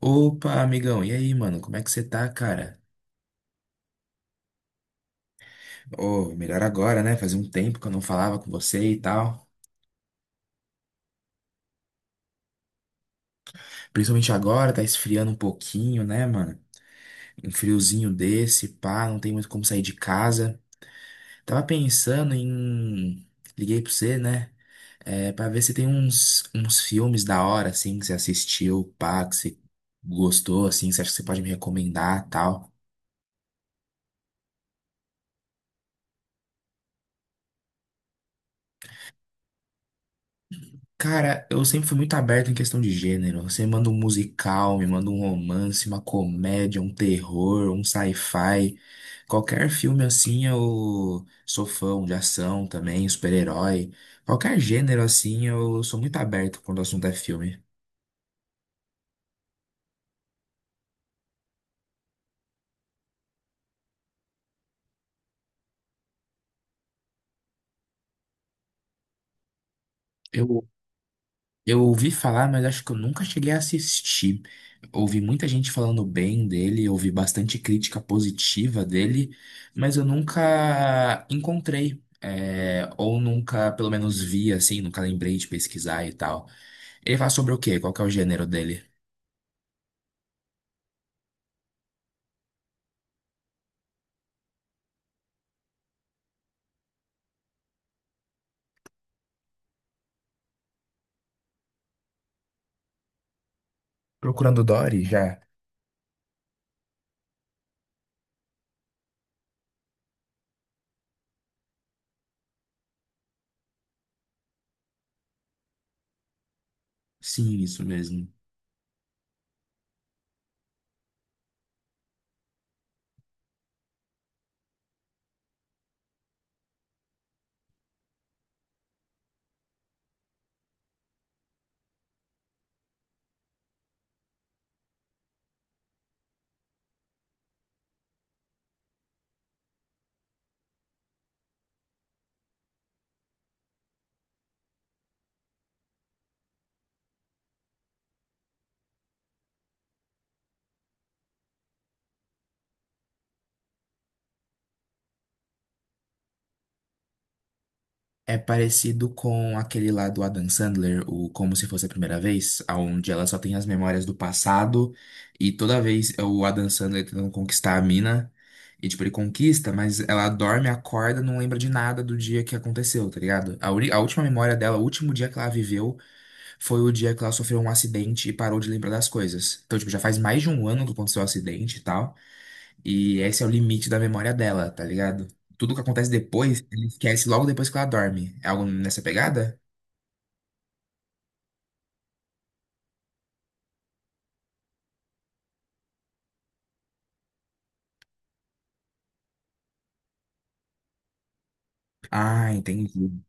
Opa, amigão, e aí, mano? Como é que você tá, cara? Ô, melhor agora, né? Fazia um tempo que eu não falava com você e tal. Principalmente agora, tá esfriando um pouquinho, né, mano? Um friozinho desse, pá, não tem muito como sair de casa. Tava pensando em. Liguei pra você, né? É, pra ver se tem uns filmes da hora, assim, que você assistiu, pá, que você gostou, assim, que você acha que você pode me recomendar, tal. Cara, eu sempre fui muito aberto em questão de gênero. Você manda um musical, me manda um romance, uma comédia, um terror, um sci-fi. Qualquer filme assim eu sou fã, um de ação também, super-herói. Qualquer gênero assim eu sou muito aberto quando o assunto é filme. Eu Eu ouvi falar, mas acho que eu nunca cheguei a assistir. Ouvi muita gente falando bem dele, ouvi bastante crítica positiva dele, mas eu nunca encontrei, é, ou nunca, pelo menos, vi assim, nunca lembrei de pesquisar e tal. Ele fala sobre o quê? Qual que é o gênero dele? Procurando Dory já. Sim, isso mesmo. É parecido com aquele lá do Adam Sandler, o Como Se Fosse a Primeira Vez, onde ela só tem as memórias do passado e toda vez é o Adam Sandler tentando conquistar a mina. E, tipo, ele conquista, mas ela dorme, acorda, não lembra de nada do dia que aconteceu, tá ligado? A última memória dela, o último dia que ela viveu, foi o dia que ela sofreu um acidente e parou de lembrar das coisas. Então, tipo, já faz mais de um ano que aconteceu o acidente e tal. E esse é o limite da memória dela, tá ligado? Tudo que acontece depois, ela esquece logo depois que ela dorme. É algo nessa pegada? Ah, entendi.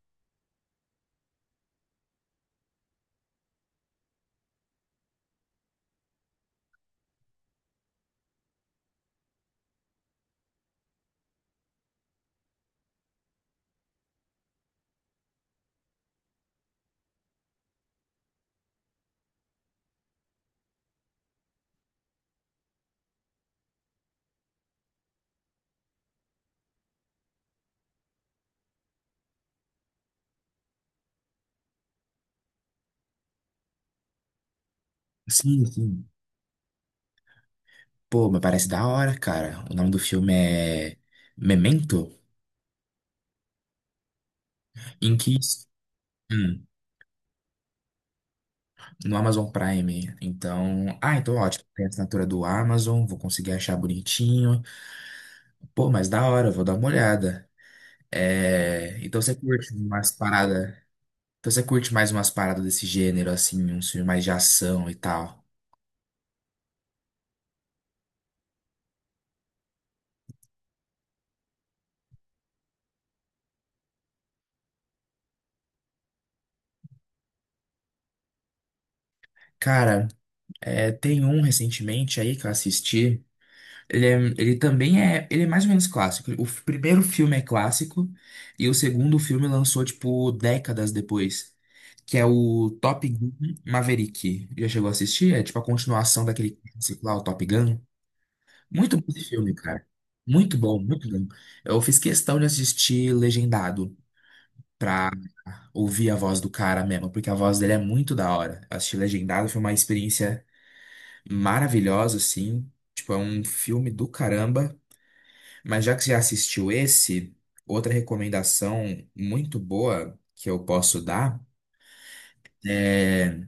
Sim, sim. Pô, mas parece da hora, cara. O nome do filme é Memento? Em que. Hum, no Amazon Prime. Então. Ah, então ótimo. Tem a assinatura do Amazon, vou conseguir achar bonitinho. Pô, mas da hora, vou dar uma olhada. É, então você curte umas paradas. Então você curte mais umas paradas desse gênero, assim, uns filmes mais de ação e tal. Cara, é, tem um recentemente aí que eu assisti. Ele, é- ele também é. Ele é mais ou menos clássico. Primeiro filme é clássico e o segundo filme lançou, tipo, décadas depois. Que é o Top Gun Maverick. Já chegou a assistir? É tipo a continuação daquele clássico lá, o Top Gun. Muito bom esse filme, cara. Muito bom, muito bom. Eu fiz questão de assistir legendado, pra ouvir a voz do cara mesmo, porque a voz dele é muito da hora. Assistir legendado foi uma experiência maravilhosa, assim. Tipo, é um filme do caramba. Mas já que você já assistiu esse, outra recomendação muito boa que eu posso dar é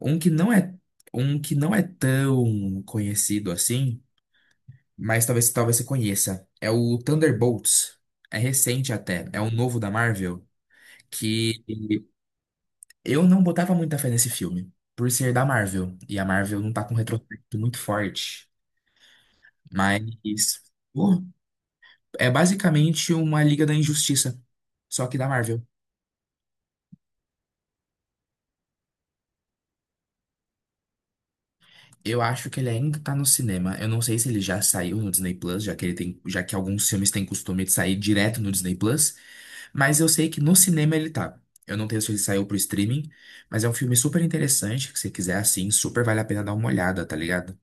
um que não é um que não é tão conhecido assim, mas talvez você conheça. É o Thunderbolts. É recente até, é um novo da Marvel que eu não botava muita fé nesse filme, por ser da Marvel. E a Marvel não tá com um retrospecto muito forte. Mas, pô, é basicamente uma Liga da Injustiça, só que da Marvel. Eu acho que ele ainda tá no cinema. Eu não sei se ele já saiu no Disney Plus, já que ele tem, já que alguns filmes têm costume de sair direto no Disney Plus. Mas eu sei que no cinema ele tá. Eu não tenho se ele saiu pro streaming, mas é um filme super interessante, que se você quiser assim, super vale a pena dar uma olhada, tá ligado?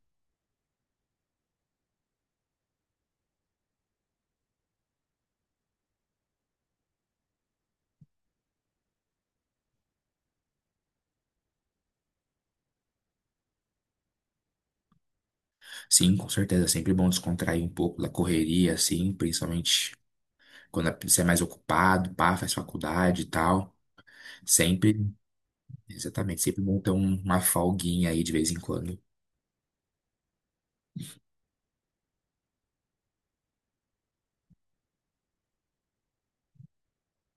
Sim, com certeza. É sempre bom descontrair um pouco da correria, assim, principalmente quando é, você é mais ocupado, pá, faz faculdade e tal. Sempre, exatamente, sempre bom ter uma folguinha aí de vez em quando.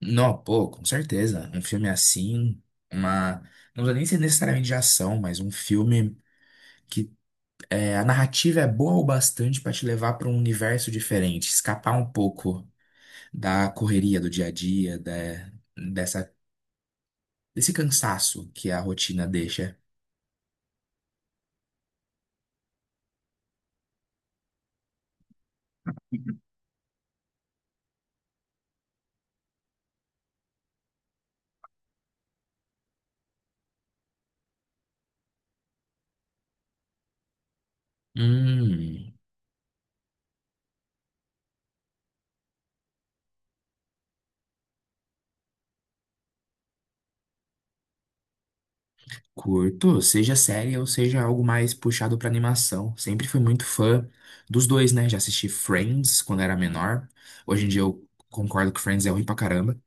Não, pô, com certeza. Um filme assim, uma. Não precisa nem ser necessariamente de ação, mas um filme que é, a narrativa é boa o bastante pra te levar pra um universo diferente, escapar um pouco da correria do dia a dia, da, dessa, desse cansaço que a rotina deixa. Hum, Curto, seja série ou seja algo mais puxado pra animação. Sempre fui muito fã dos dois, né? Já assisti Friends quando era menor. Hoje em dia eu concordo que Friends é ruim pra caramba.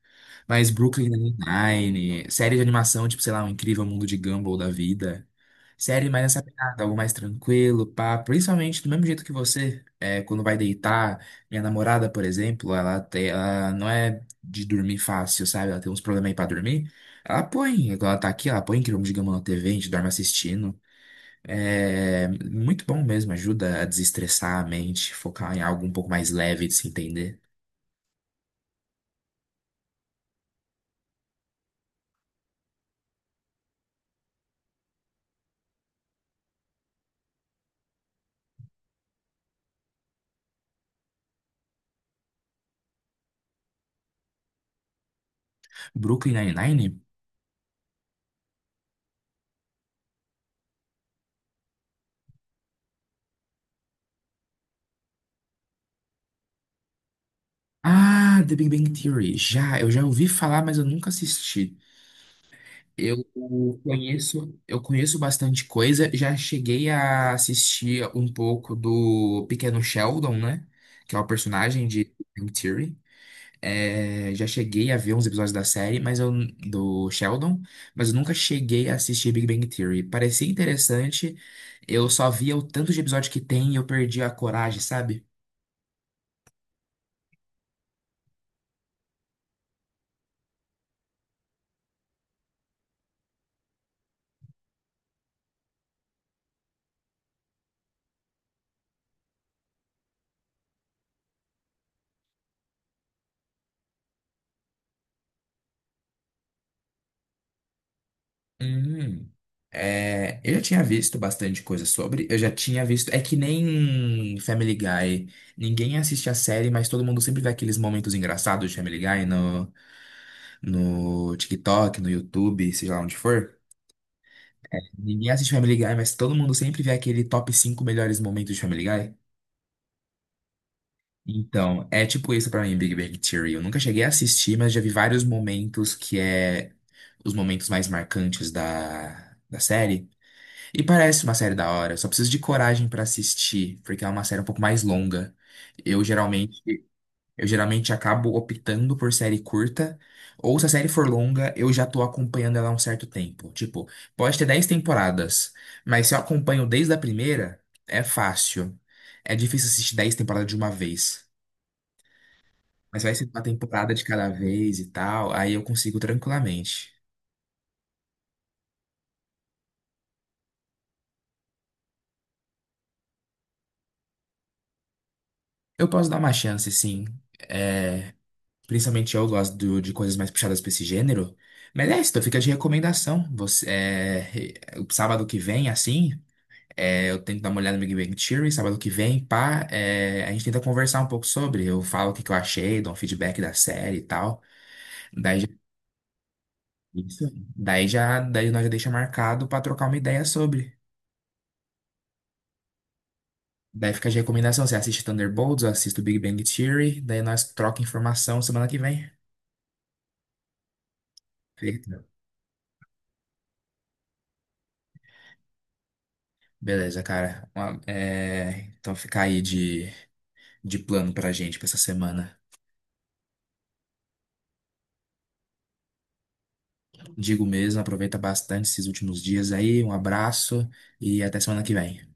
Mas Brooklyn Nine-Nine, série de animação, tipo, sei lá, O Incrível Mundo de Gumball da vida. Série mais essa pegada, algo mais tranquilo, pá. Principalmente do mesmo jeito que você, é, quando vai deitar. Minha namorada, por exemplo, ela, tem, ela não é de dormir fácil, sabe? Ela tem uns problemas aí pra dormir. Ela põe, quando ela tá aqui, ela põe Incrível Mundo de Gumball na TV, a gente dorme assistindo. É muito bom mesmo, ajuda a desestressar a mente, focar em algo um pouco mais leve de se entender. Brooklyn Nine-Nine. Ah, The Big Bang Theory. Já, eu já ouvi falar, mas eu nunca assisti. Eu eu conheço bastante coisa. Já cheguei a assistir um pouco do Pequeno Sheldon, né? Que é o personagem de Big Bang Theory. É, já cheguei a ver uns episódios da série, mas eu, do Sheldon, mas eu nunca cheguei a assistir Big Bang Theory. Parecia interessante, eu só via o tanto de episódio que tem e eu perdi a coragem, sabe? Hum. É, eu já tinha visto bastante coisa sobre, eu já tinha visto. É que nem Family Guy. Ninguém assiste a série, mas todo mundo sempre vê aqueles momentos engraçados de Family Guy no, no TikTok, no YouTube, seja lá onde for. Ninguém assiste Family Guy, mas todo mundo sempre vê aquele top 5 melhores momentos de Family Guy. Então, é tipo isso pra mim, Big Bang Theory. Eu nunca cheguei a assistir, mas já vi vários momentos que é os momentos mais marcantes da série. E parece uma série da hora, só preciso de coragem pra assistir, porque é uma série um pouco mais longa. Eu geralmente, eu geralmente acabo optando por série curta, ou se a série for longa, eu já tô acompanhando ela há um certo tempo. Tipo, pode ter 10 temporadas, mas se eu acompanho desde a primeira, é fácil. É difícil assistir 10 temporadas de uma vez, mas vai ser uma temporada de cada vez e tal, aí eu consigo tranquilamente. Eu posso dar uma chance, sim. É, principalmente eu gosto do- de coisas mais puxadas pra esse gênero. Mas é isso, então fica de recomendação. Você, é, o sábado que vem, assim, é, eu tento dar uma olhada no Big Bang Theory. Sábado que vem, pá, é, a gente tenta conversar um pouco sobre. Eu falo o que que eu achei, dou um feedback da série e tal. Daí, já- é isso, daí já, daí nós já deixa marcado pra trocar uma ideia sobre. Daí fica de recomendação. Você assiste Thunderbolts, eu assisto Big Bang Theory. Daí nós troca informação semana que vem. Feito. Beleza, cara. É, então fica aí de. De plano pra gente pra essa semana. Digo mesmo, aproveita bastante esses últimos dias aí. Um abraço e até semana que vem.